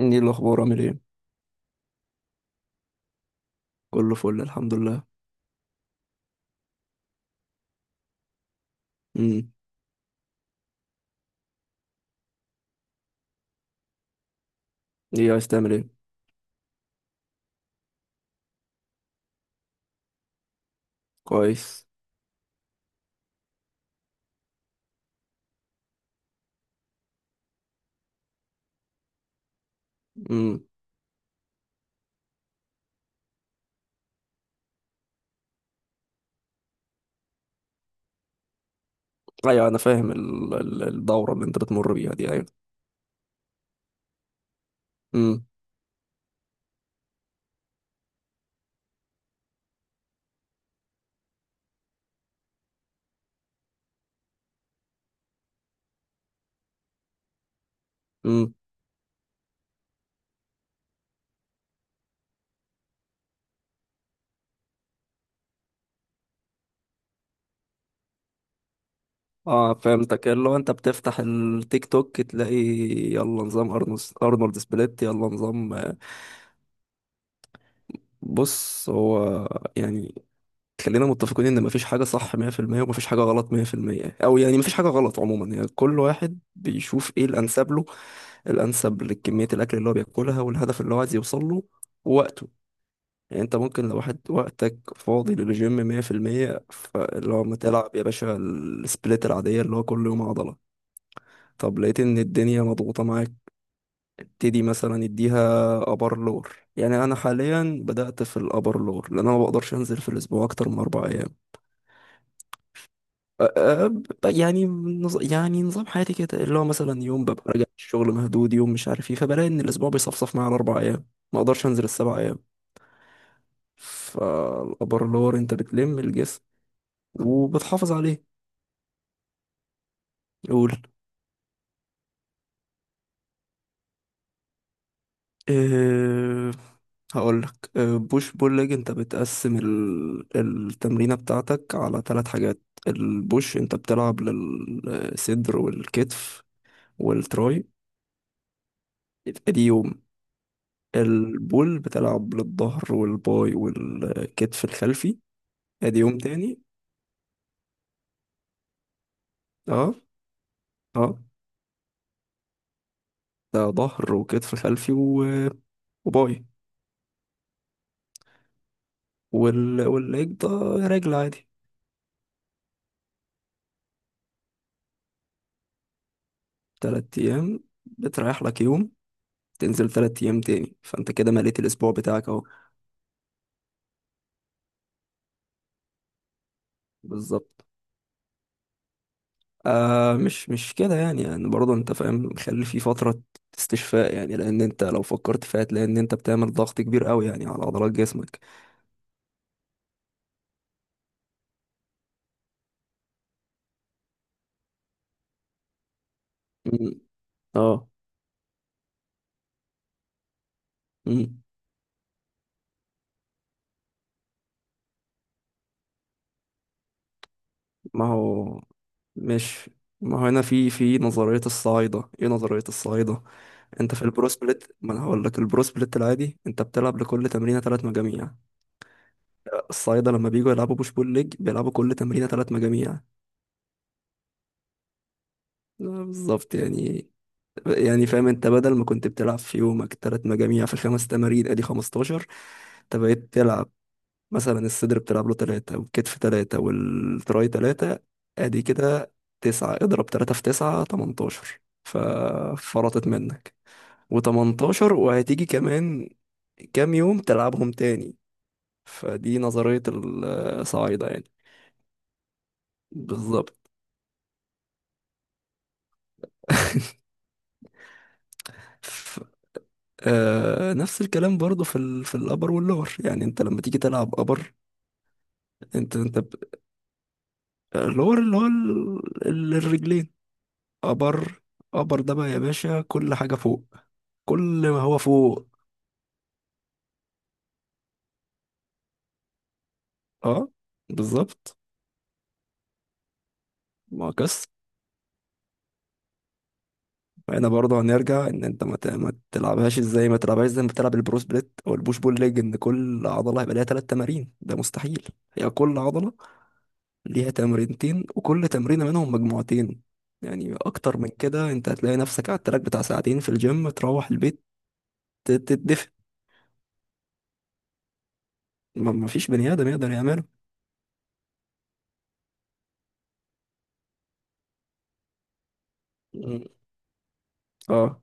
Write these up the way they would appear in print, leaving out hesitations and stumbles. ايه الاخبار؟ عامل ايه؟ كله فل، الحمد لله. امم. ايه؟ عايز تعمل ايه؟ كويس. امم. ايوه، انا فاهم الدوره اللي انت بتمر بيها دي، ايوه. امم. امم. اه، فهمتك. اللي هو انت بتفتح التيك توك تلاقي يلا نظام ارنولد، ارنولد سبليت، يلا نظام بص، هو يعني خلينا متفقين ان مفيش حاجة صح 100%، ومفيش حاجة غلط 100%، او يعني مفيش حاجة غلط عموما. يعني كل واحد بيشوف ايه الانسب له، الانسب لكمية الاكل اللي هو بياكلها، والهدف اللي هو عايز يوصل له، ووقته. يعني انت ممكن لو واحد وقتك فاضي للجيم 100%، فاللي هو ما تلعب يا باشا السبليت العادية اللي هو كل يوم عضلة. طب لقيت ان الدنيا مضغوطة معاك، ابتدي مثلا اديها ابر لور. يعني انا حاليا بدأت في الابر لور، لان انا ما بقدرش انزل في الاسبوع اكتر من 4 ايام. يعني نظام حياتي كده، اللي هو مثلا يوم ببقى راجع الشغل مهدود، يوم مش عارف ايه، فبلاقي ان الاسبوع بيصفصف معايا على اربع ايام. ما اقدرش انزل السبع ايام. فالابر انت بتلم الجسم وبتحافظ عليه. قول. أه. هقول لك، بوش بول ليج انت بتقسم التمرينه بتاعتك على 3 حاجات. البوش انت بتلعب للصدر والكتف والتراي. ادي يوم. البول بتلعب للظهر والباي والكتف الخلفي. ادي يوم تاني. اه. اه. ده ظهر وكتف خلفي، وباي، والليج ده رجل عادي. تلات ايام، بتريح لك يوم، تنزل تلات ايام تاني، فانت كده مليت الاسبوع بتاعك اهو. بالظبط. مش كده، يعني برضه انت فاهم، خلي في فترة استشفاء، يعني لان انت لو فكرت فيها هتلاقي ان انت بتعمل ضغط كبير قوي يعني على عضلات جسمك. مم. اه. مم. ما هو مش ما هو هنا في نظرية الصعايدة. ايه نظرية الصعايدة؟ انت في البرو سبليت، ما انا هقول لك، البرو سبليت العادي انت بتلعب لكل تمرينة ثلاث مجاميع. الصعايدة لما بييجوا يلعبوا بوش بول ليج، بيلعبوا كل تمرينة ثلاث مجاميع. بالظبط يعني. يعني فاهم، انت بدل ما كنت بتلعب في يومك ثلاث مجاميع في الخمس تمارين ادي 15، انت بقيت تلعب مثلا الصدر بتلعب له تلاتة، والكتف تلاتة، والتراي تلاتة. ادي كده تسعة. اضرب تلاتة في تسعة، تمنتاشر. ففرطت منك وتمنتاشر، وهتيجي كمان كام يوم تلعبهم تاني؟ فدي نظرية الصعايدة يعني. بالظبط. ف... نفس الكلام برضو في الابر واللور، يعني انت لما تيجي تلعب ابر. انت انت ب... اللور اللي هو الرجلين. ابر. ابر ده بقى يا باشا كل حاجة فوق، كل ما هو فوق. اه. بالظبط. ما قص هنا برضه هنرجع ان انت ما تلعبهاش ازاي، ما تلعبهاش زي ما بتلعب البرو سبليت او البوش بول ليج ان كل عضله هيبقى ليها ثلاث تمارين، ده مستحيل. هي كل عضله ليها تمرينتين، وكل تمرينه منهم مجموعتين. يعني اكتر من كده انت هتلاقي نفسك على التراك بتاع ساعتين في الجيم، تروح البيت تتدفى. ما ما فيش بني ادم يقدر يعمله. مم. اه.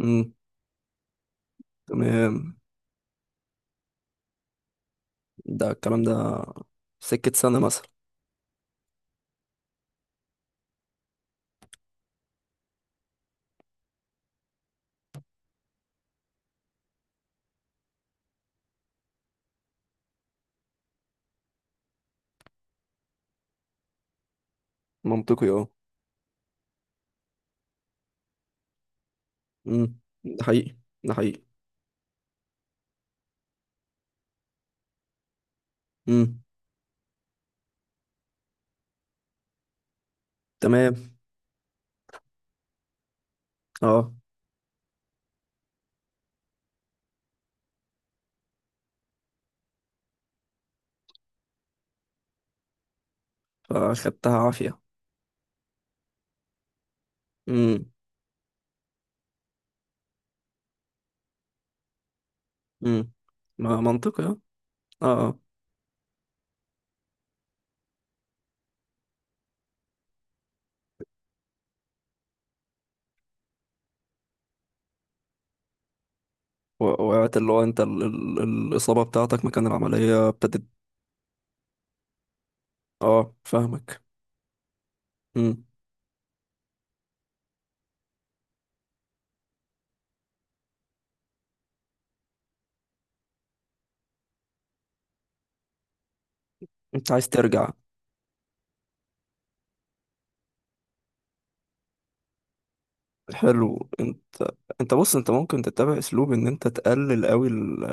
امم. تمام. ده الكلام ده سكة سنة مثلا. منطقي، اه. امم. ده حقيقي. ده حقيقي. امم. تمام. اه. فاخدتها عافية. امم. امم. ما منطقي، اه. اه. آه. وقعت، اللي هو انت الإصابة بتاعتك مكان العملية ابتدت. اه، فاهمك. امم. انت عايز ترجع؟ حلو. انت بص، انت ممكن تتبع اسلوب ان انت تقلل قوي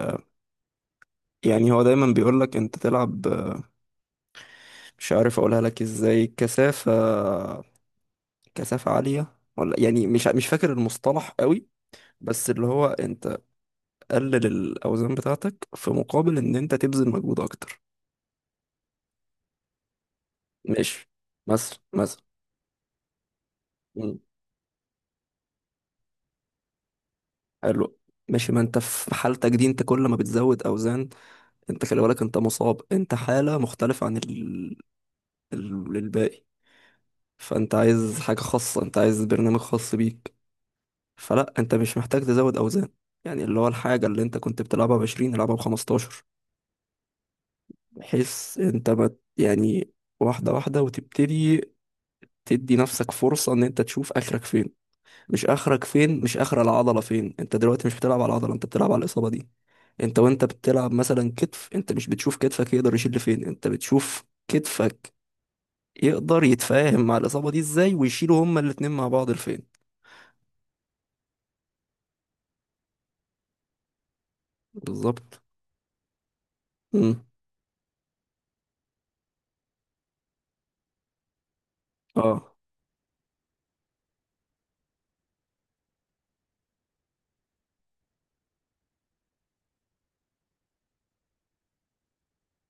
يعني هو دايما بيقولك انت تلعب، مش عارف اقولها لك ازاي، كثافة. كثافة عالية، ولا يعني مش فاكر المصطلح قوي. بس اللي هو انت قلل الاوزان بتاعتك، في مقابل ان انت تبذل مجهود اكتر. ماشي. مثلا. مم. حلو. ماشي، ما انت في حالتك دي انت كل ما بتزود اوزان، انت خلي بالك، انت مصاب، انت حالة مختلفة عن الباقي. فانت عايز حاجة خاصة، انت عايز برنامج خاص بيك. فلا، انت مش محتاج تزود اوزان. يعني اللي هو، الحاجة اللي انت كنت بتلعبها بعشرين العبها بخمستاشر، بحيث انت ما، يعني، واحدة واحدة، وتبتدي تدي نفسك فرصة ان انت تشوف اخرك فين. مش اخرك فين، مش اخر العضله فين. انت دلوقتي مش بتلعب على العضله، انت بتلعب على الاصابه دي. انت وانت بتلعب مثلا كتف، انت مش بتشوف كتفك يقدر يشيل لفين، انت بتشوف كتفك يقدر يتفاهم مع الاصابه دي ازاي، ويشيلوا هما الاتنين مع بعض لفين. بالظبط. امم. اه.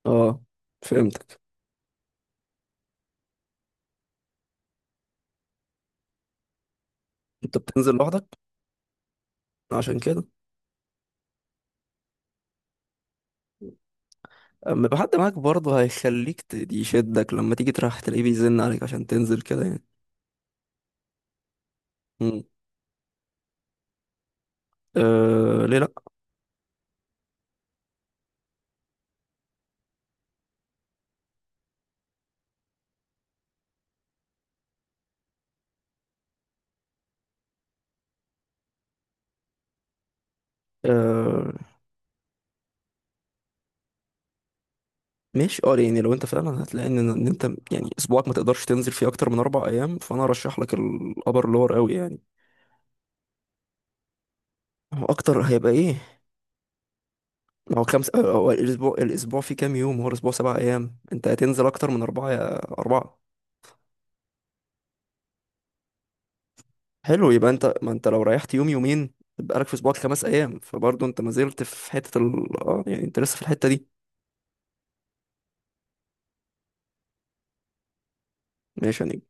اه، فهمتك. انت بتنزل لوحدك؟ عشان كده، اما يبقى حد معاك برضه هيخليك يشدك، لما تيجي تروح تلاقيه بيزن عليك عشان تنزل كده يعني. امم. آه، ليه لا؟ آه. ماشي، اه، يعني لو انت فعلا هتلاقي ان انت يعني اسبوعك ما تقدرش تنزل فيه اكتر من اربع ايام، فانا ارشح لك الابر لور قوي يعني. هو اكتر هيبقى ايه؟ هو خمس، هو الاسبوع فيه كام يوم؟ هو الاسبوع سبع ايام، انت هتنزل اكتر من اربعه يا اربعه. حلو، يبقى انت، ما انت لو ريحت يوم يومين يبقى لك في اسبوعك خمس ايام، فبرضه انت ما زلت في حته ال اه يعني انت لسه في الحته دي. ماشي يعني.